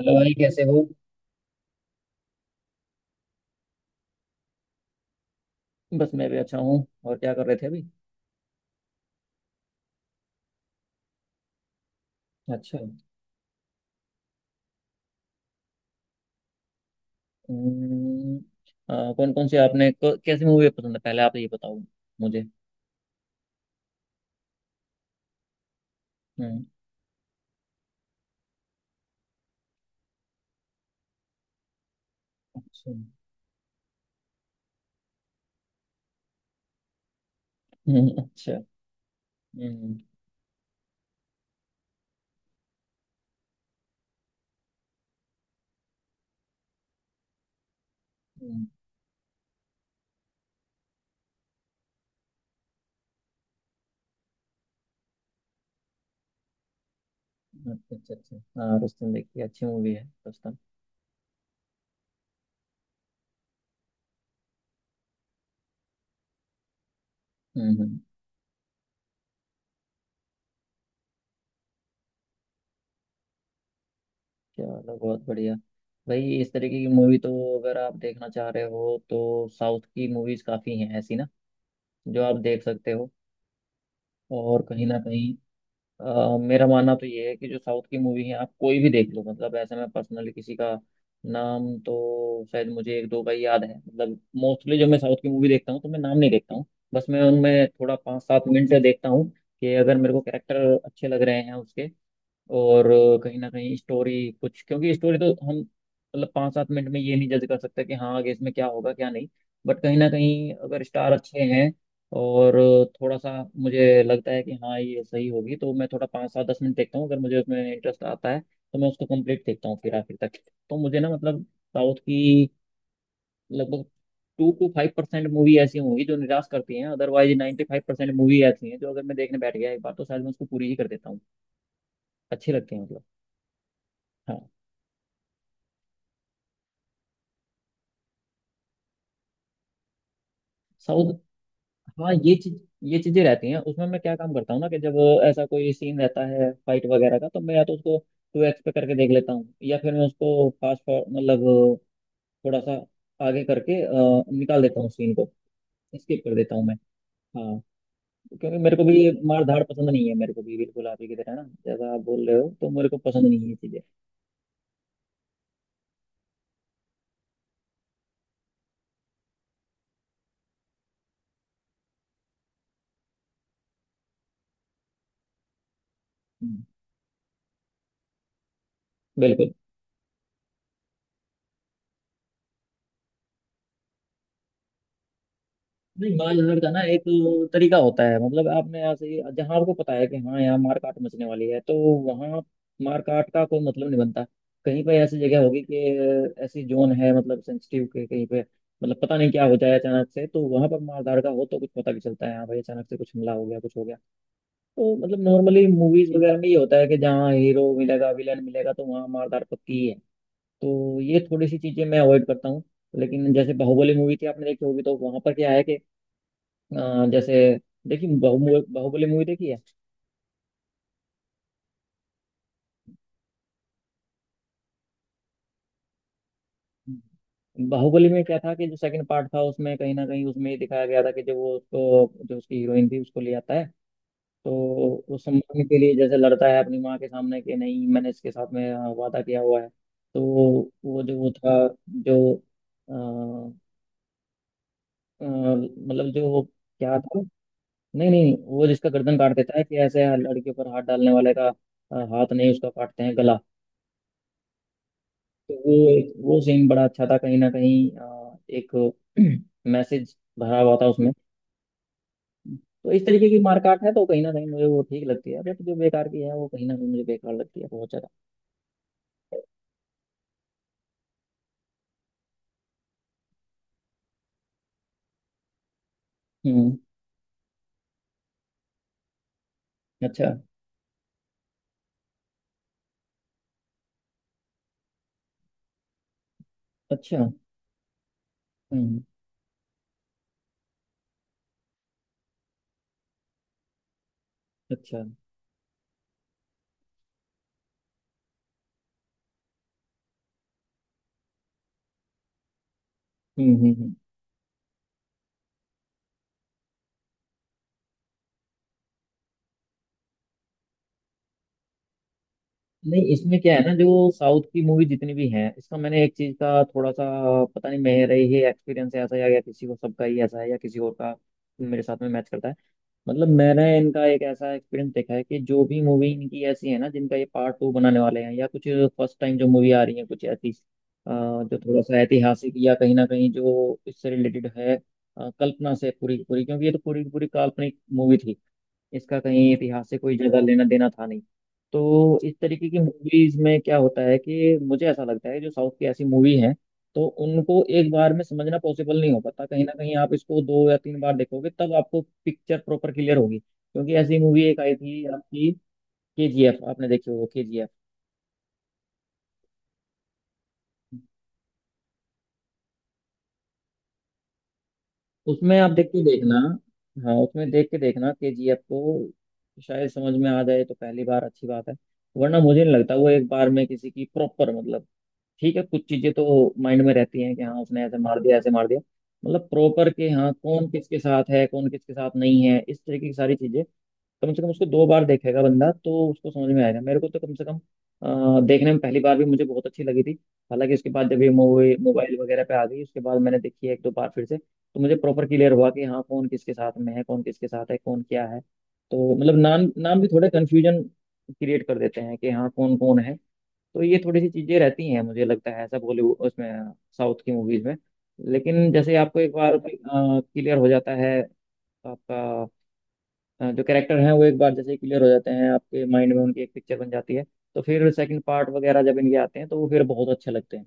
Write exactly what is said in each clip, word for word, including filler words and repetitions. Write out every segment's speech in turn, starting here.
Hello भाई, कैसे हो? बस, मैं भी अच्छा हूँ। और क्या कर रहे थे अभी? अच्छा। कौन कौन से आपने क- कैसी मूवी पसंद है, पहले आप ये बताओ मुझे। हम्म। अच्छा। हम्म, अच्छा। हम्म, हम्म। अच्छा, अच्छा, अच्छा। हाँ, रुस्तम देखिए, अच्छी मूवी है रुस्तम। हम्म, हम्म। चलो, बहुत बढ़िया। भाई, इस तरीके की मूवी तो अगर आप देखना चाह रहे हो तो साउथ की मूवीज काफ़ी हैं ऐसी ना जो आप देख सकते हो। और कहीं ना कहीं अ, मेरा मानना तो ये है कि जो साउथ की मूवी है आप कोई भी देख लो, मतलब ऐसे मैं पर्सनली किसी का नाम तो शायद मुझे एक दो का ही याद है। मतलब मोस्टली जब मैं साउथ की मूवी देखता हूँ तो मैं नाम नहीं देखता हूँ। बस मैं उनमें थोड़ा पाँच सात मिनट देखता हूँ कि अगर मेरे को कैरेक्टर अच्छे लग रहे हैं उसके, और कहीं ना कहीं स्टोरी कुछ, क्योंकि स्टोरी तो हम मतलब पाँच सात मिनट में ये नहीं जज कर सकते कि हाँ आगे इसमें क्या होगा क्या नहीं। बट कहीं ना कहीं अगर स्टार अच्छे हैं, और थोड़ा सा मुझे लगता है कि हाँ ये सही होगी, तो मैं थोड़ा पाँच सात दस मिनट देखता हूँ। अगर मुझे उसमें इंटरेस्ट आता है तो मैं उसको कंप्लीट देखता हूँ फिर आखिर तक। तो मुझे ना, मतलब साउथ की लगभग two to five percent movie ऐसी होंगी जो निराश करती हैं, otherwise ninety five percent movie ऐसी हैं जो अगर मैं देखने बैठ गया एक बार तो शायद मैं उसको पूरी ही कर देता हूँ। अच्छी लगती है, मतलब। साउथ। हाँ, ये चीज, ये चीजें रहती हैं उसमें। मैं क्या काम करता हूँ ना, कि जब ऐसा कोई सीन रहता है फाइट वगैरह का, तो मैं या तो उसको टू एक्स पे करके देख लेता हूँ, या फिर मैं उसको फास्ट फॉर मतलब थोड़ा सा आगे करके अ, निकाल देता हूँ सीन को। स्किप कर देता हूँ मैं। हाँ। क्योंकि मेरे को भी ये मार धाड़ पसंद नहीं है, मेरे को भी बिल्कुल आप ही की तरह ना, जैसा आप बोल रहे हो, तो मेरे को पसंद नहीं है ये चीजें। हम्म। बिल्कुल। नहीं, मार झगड़ का ना एक तरीका होता है। मतलब आपने ऐसे ही जहाँ आपको पता है कि हाँ यहाँ मार काट मचने वाली है तो वहाँ मार काट का कोई मतलब नहीं बनता। कहीं पे ऐसी जगह होगी कि ऐसी जोन है, मतलब सेंसिटिव के कहीं पे, मतलब पता नहीं क्या हो जाए अचानक से, तो वहाँ पर मार का हो तो कुछ पता भी चलता है, हाँ भाई अचानक से कुछ हमला हो गया कुछ हो गया। तो मतलब नॉर्मली मूवीज वगैरह में ये होता है कि जहाँ हीरो मिलेगा विलन मिलेगा तो वहाँ मार पक्की है। तो ये थोड़ी सी चीजें मैं अवॉइड करता हूँ। लेकिन जैसे बाहुबली मूवी थी, आपने देखी होगी, तो वहां पर क्या है कि अ, जैसे देखिए, बाहुबली, बाहुबली मूवी देखी है? बाहुबली में क्या था कि जो सेकंड पार्ट था उसमें, कहीं ना कहीं उसमें ये दिखाया गया था कि जब वो उसको, जो उसकी हीरोइन थी, उसको ले आता है, तो उस सम्मान के लिए जैसे लड़ता है अपनी माँ के सामने कि नहीं, मैंने इसके साथ में अ, वादा किया हुआ है। तो वो, जो वो था, जो अ, अ, मतलब जो वो, क्या था, नहीं नहीं, वो जिसका गर्दन काट देता है कि ऐसे लड़के पर हाथ डालने वाले का अ, हाथ नहीं, उसका काटते हैं गला। तो वो एक, वो सीन बड़ा अच्छा था। कहीं ना कहीं अ, एक मैसेज भरा हुआ था उसमें। तो इस तरीके की मारकाट है तो कहीं ना कहीं मुझे वो ठीक लगती है, बट जो बेकार की है वो कहीं ना कहीं मुझे बेकार लगती है, बहुत ज्यादा। हम्म। अच्छा, अच्छा। हम्म। अच्छा। हम्म, हम्म, हम्म। नहीं, इसमें क्या है ना, जो साउथ की मूवी जितनी भी हैं, इसका मैंने एक चीज का थोड़ा सा, पता नहीं मेरा ही एक्सपीरियंस है ऐसा या, या किसी को सबका ही ऐसा है या किसी और का मेरे साथ में मैच करता है। मतलब मैंने इनका एक ऐसा एक्सपीरियंस देखा है कि जो भी मूवी इनकी ऐसी है ना जिनका ये पार्ट टू बनाने वाले हैं या कुछ फर्स्ट टाइम जो मूवी आ रही है कुछ ऐसी, अ, जो थोड़ा सा ऐतिहासिक या कहीं ना कहीं जो इससे रिलेटेड है, अ, कल्पना से पूरी की पूरी, क्योंकि ये तो पूरी की पूरी काल्पनिक मूवी थी, इसका कहीं इतिहास से कोई ज्यादा लेना देना था नहीं। तो इस तरीके की मूवीज में क्या होता है कि मुझे ऐसा लगता है जो साउथ की ऐसी मूवी है तो उनको एक बार में समझना पॉसिबल नहीं हो पाता। कहीं ना कहीं आप इसको दो या तीन बार देखोगे तब आपको पिक्चर प्रॉपर क्लियर होगी, क्योंकि ऐसी मूवी एक आई थी आपकी के जी एफ, आपने देखी होगी के जी एफ। उसमें आप देख के देखना, हाँ उसमें देख के देखना के जी एफ को। शायद समझ में आ जाए तो पहली बार, अच्छी बात है। वरना मुझे नहीं लगता वो एक बार में किसी की प्रॉपर मतलब, ठीक है कुछ चीजें तो माइंड में रहती हैं कि हाँ उसने ऐसे मार दिया ऐसे मार दिया, मतलब प्रॉपर के हाँ कौन किसके साथ है, कौन किसके साथ नहीं है, इस तरीके की सारी चीजें। कम से कम उसको दो बार देखेगा बंदा तो उसको समझ में आएगा, मेरे को तो कम से कम अ, देखने में पहली बार भी मुझे बहुत अच्छी लगी थी। हालांकि उसके बाद जब ये मूवी मोबाइल वगैरह पे आ गई, उसके बाद मैंने देखी है एक दो बार फिर से, तो मुझे प्रॉपर क्लियर हुआ कि हाँ कौन किसके साथ में है, कौन किसके साथ है, कौन क्या है। तो मतलब नाम, नाम भी थोड़े कन्फ्यूजन क्रिएट कर देते हैं कि हाँ कौन कौन है। तो ये थोड़ी सी चीजें रहती हैं, मुझे लगता है ऐसा बॉलीवुड उसमें, साउथ की मूवीज में। लेकिन जैसे आपको एक बार क्लियर हो जाता है आपका, अ, जो कैरेक्टर हैं वो एक बार जैसे क्लियर हो जाते हैं आपके माइंड में, उनकी एक पिक्चर बन जाती है, तो फिर सेकंड पार्ट वगैरह जब इनके आते हैं तो वो फिर बहुत अच्छे लगते हैं।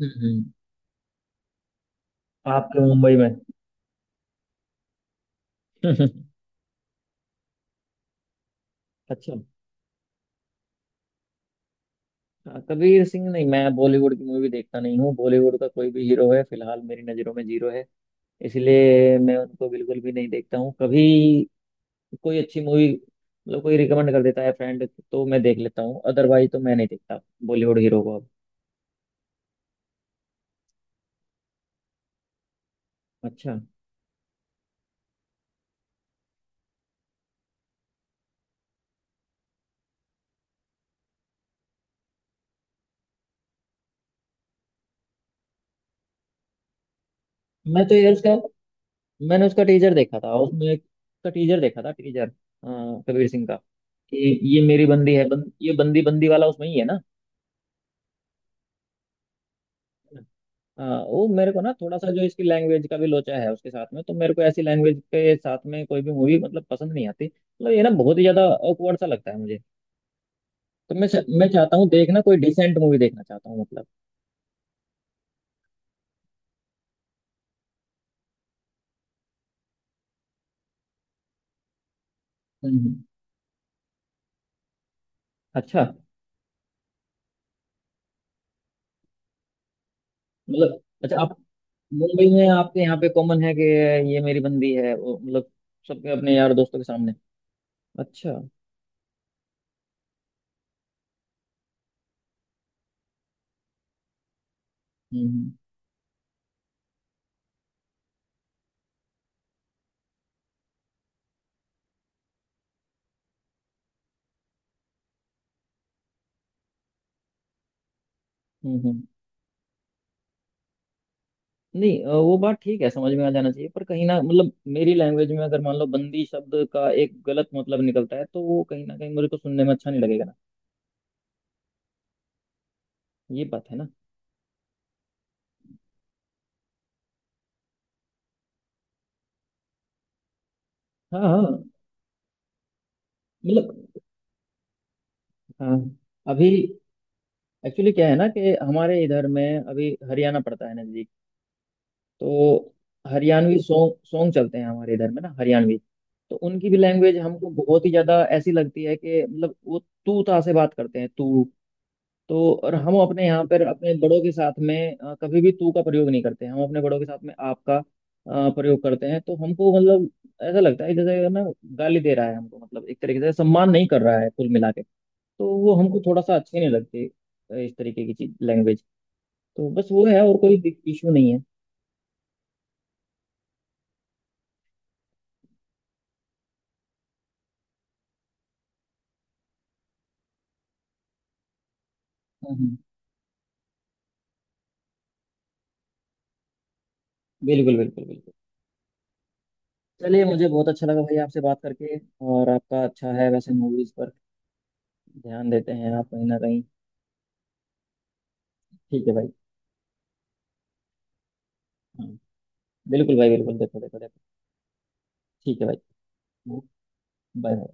हम्म। आपके मुंबई में? अच्छा। हाँ, कबीर सिंह नहीं, मैं बॉलीवुड की मूवी देखता नहीं हूँ। बॉलीवुड का कोई भी हीरो है फिलहाल मेरी नज़रों में जीरो है। इसलिए मैं उनको बिल्कुल भी नहीं देखता हूँ कभी। कोई अच्छी मूवी मतलब कोई रिकमेंड कर देता है फ्रेंड तो मैं देख लेता हूँ, अदरवाइज तो मैं नहीं देखता बॉलीवुड हीरो को अब। अच्छा। मैं तो यार उसका, मैंने उसका टीजर देखा था, उसमें एक- उसका टीजर देखा था टीजर, अ, कबीर सिंह का। कि ये मेरी बंदी है, बंद, ये बंदी बंदी वाला उसमें ही है ना। अ, वो मेरे को ना थोड़ा सा जो इसकी लैंग्वेज का भी लोचा है उसके साथ में तो मेरे को ऐसी लैंग्वेज के साथ में कोई भी मूवी मतलब पसंद नहीं आती। मतलब ये ना बहुत ही ज्यादा awkward सा लगता है मुझे। तो मैं चा- मैं चाहता हूँ देखना, कोई डिसेंट मूवी देखना चाहता हूँ, मतलब। हम्म। अच्छा। मतलब अच्छा, आप मुंबई में आपके यहाँ पे कॉमन है कि ये मेरी बंदी है वो, मतलब सबके अपने यार दोस्तों के सामने? अच्छा। हम्म, हम्म, हम्म। नहीं, अ, वो बात ठीक है, समझ में आ जाना चाहिए, पर कहीं ना मतलब मेरी लैंग्वेज में अगर मान लो बंदी शब्द का एक गलत मतलब निकलता है तो वो कहीं ना कहीं मुझे को सुनने में अच्छा नहीं लगेगा ना, ये बात है ना। हाँ, हाँ, मतलब, हाँ। अभी एक्चुअली क्या है ना कि हमारे इधर में अभी हरियाणा पड़ता है नजदीक, तो हरियाणवी सॉन्ग सॉन्ग चलते हैं हमारे इधर में ना, हरियाणवी। तो उनकी भी लैंग्वेज हमको बहुत ही ज्यादा ऐसी लगती है कि मतलब वो तू ता से बात करते हैं, तू। तो और हम अपने यहाँ पर अपने बड़ों के साथ में अ, कभी भी तू का प्रयोग नहीं करते। हम अपने बड़ों के साथ में आपका अ, प्रयोग करते हैं। तो हमको मतलब ऐसा लगता है जैसे ना गाली दे रहा है हमको, मतलब एक तरीके से सम्मान नहीं कर रहा है कुल मिला के, तो वो हमको थोड़ा सा अच्छी नहीं लगती, अ, इस तरीके की चीज लैंग्वेज। तो बस वो है, और कोई इशू नहीं है। हम्म, बिल्कुल, बिल्कुल, बिल्कुल। चलिए, मुझे बहुत अच्छा लगा भाई आपसे बात करके। और आपका अच्छा है वैसे, मूवीज पर ध्यान देते हैं आप कहीं ना कहीं। ठीक है भाई। हाँ, बिल्कुल भाई, बिल्कुल, देखो देखो देखो। ठीक है भाई। Bye bye.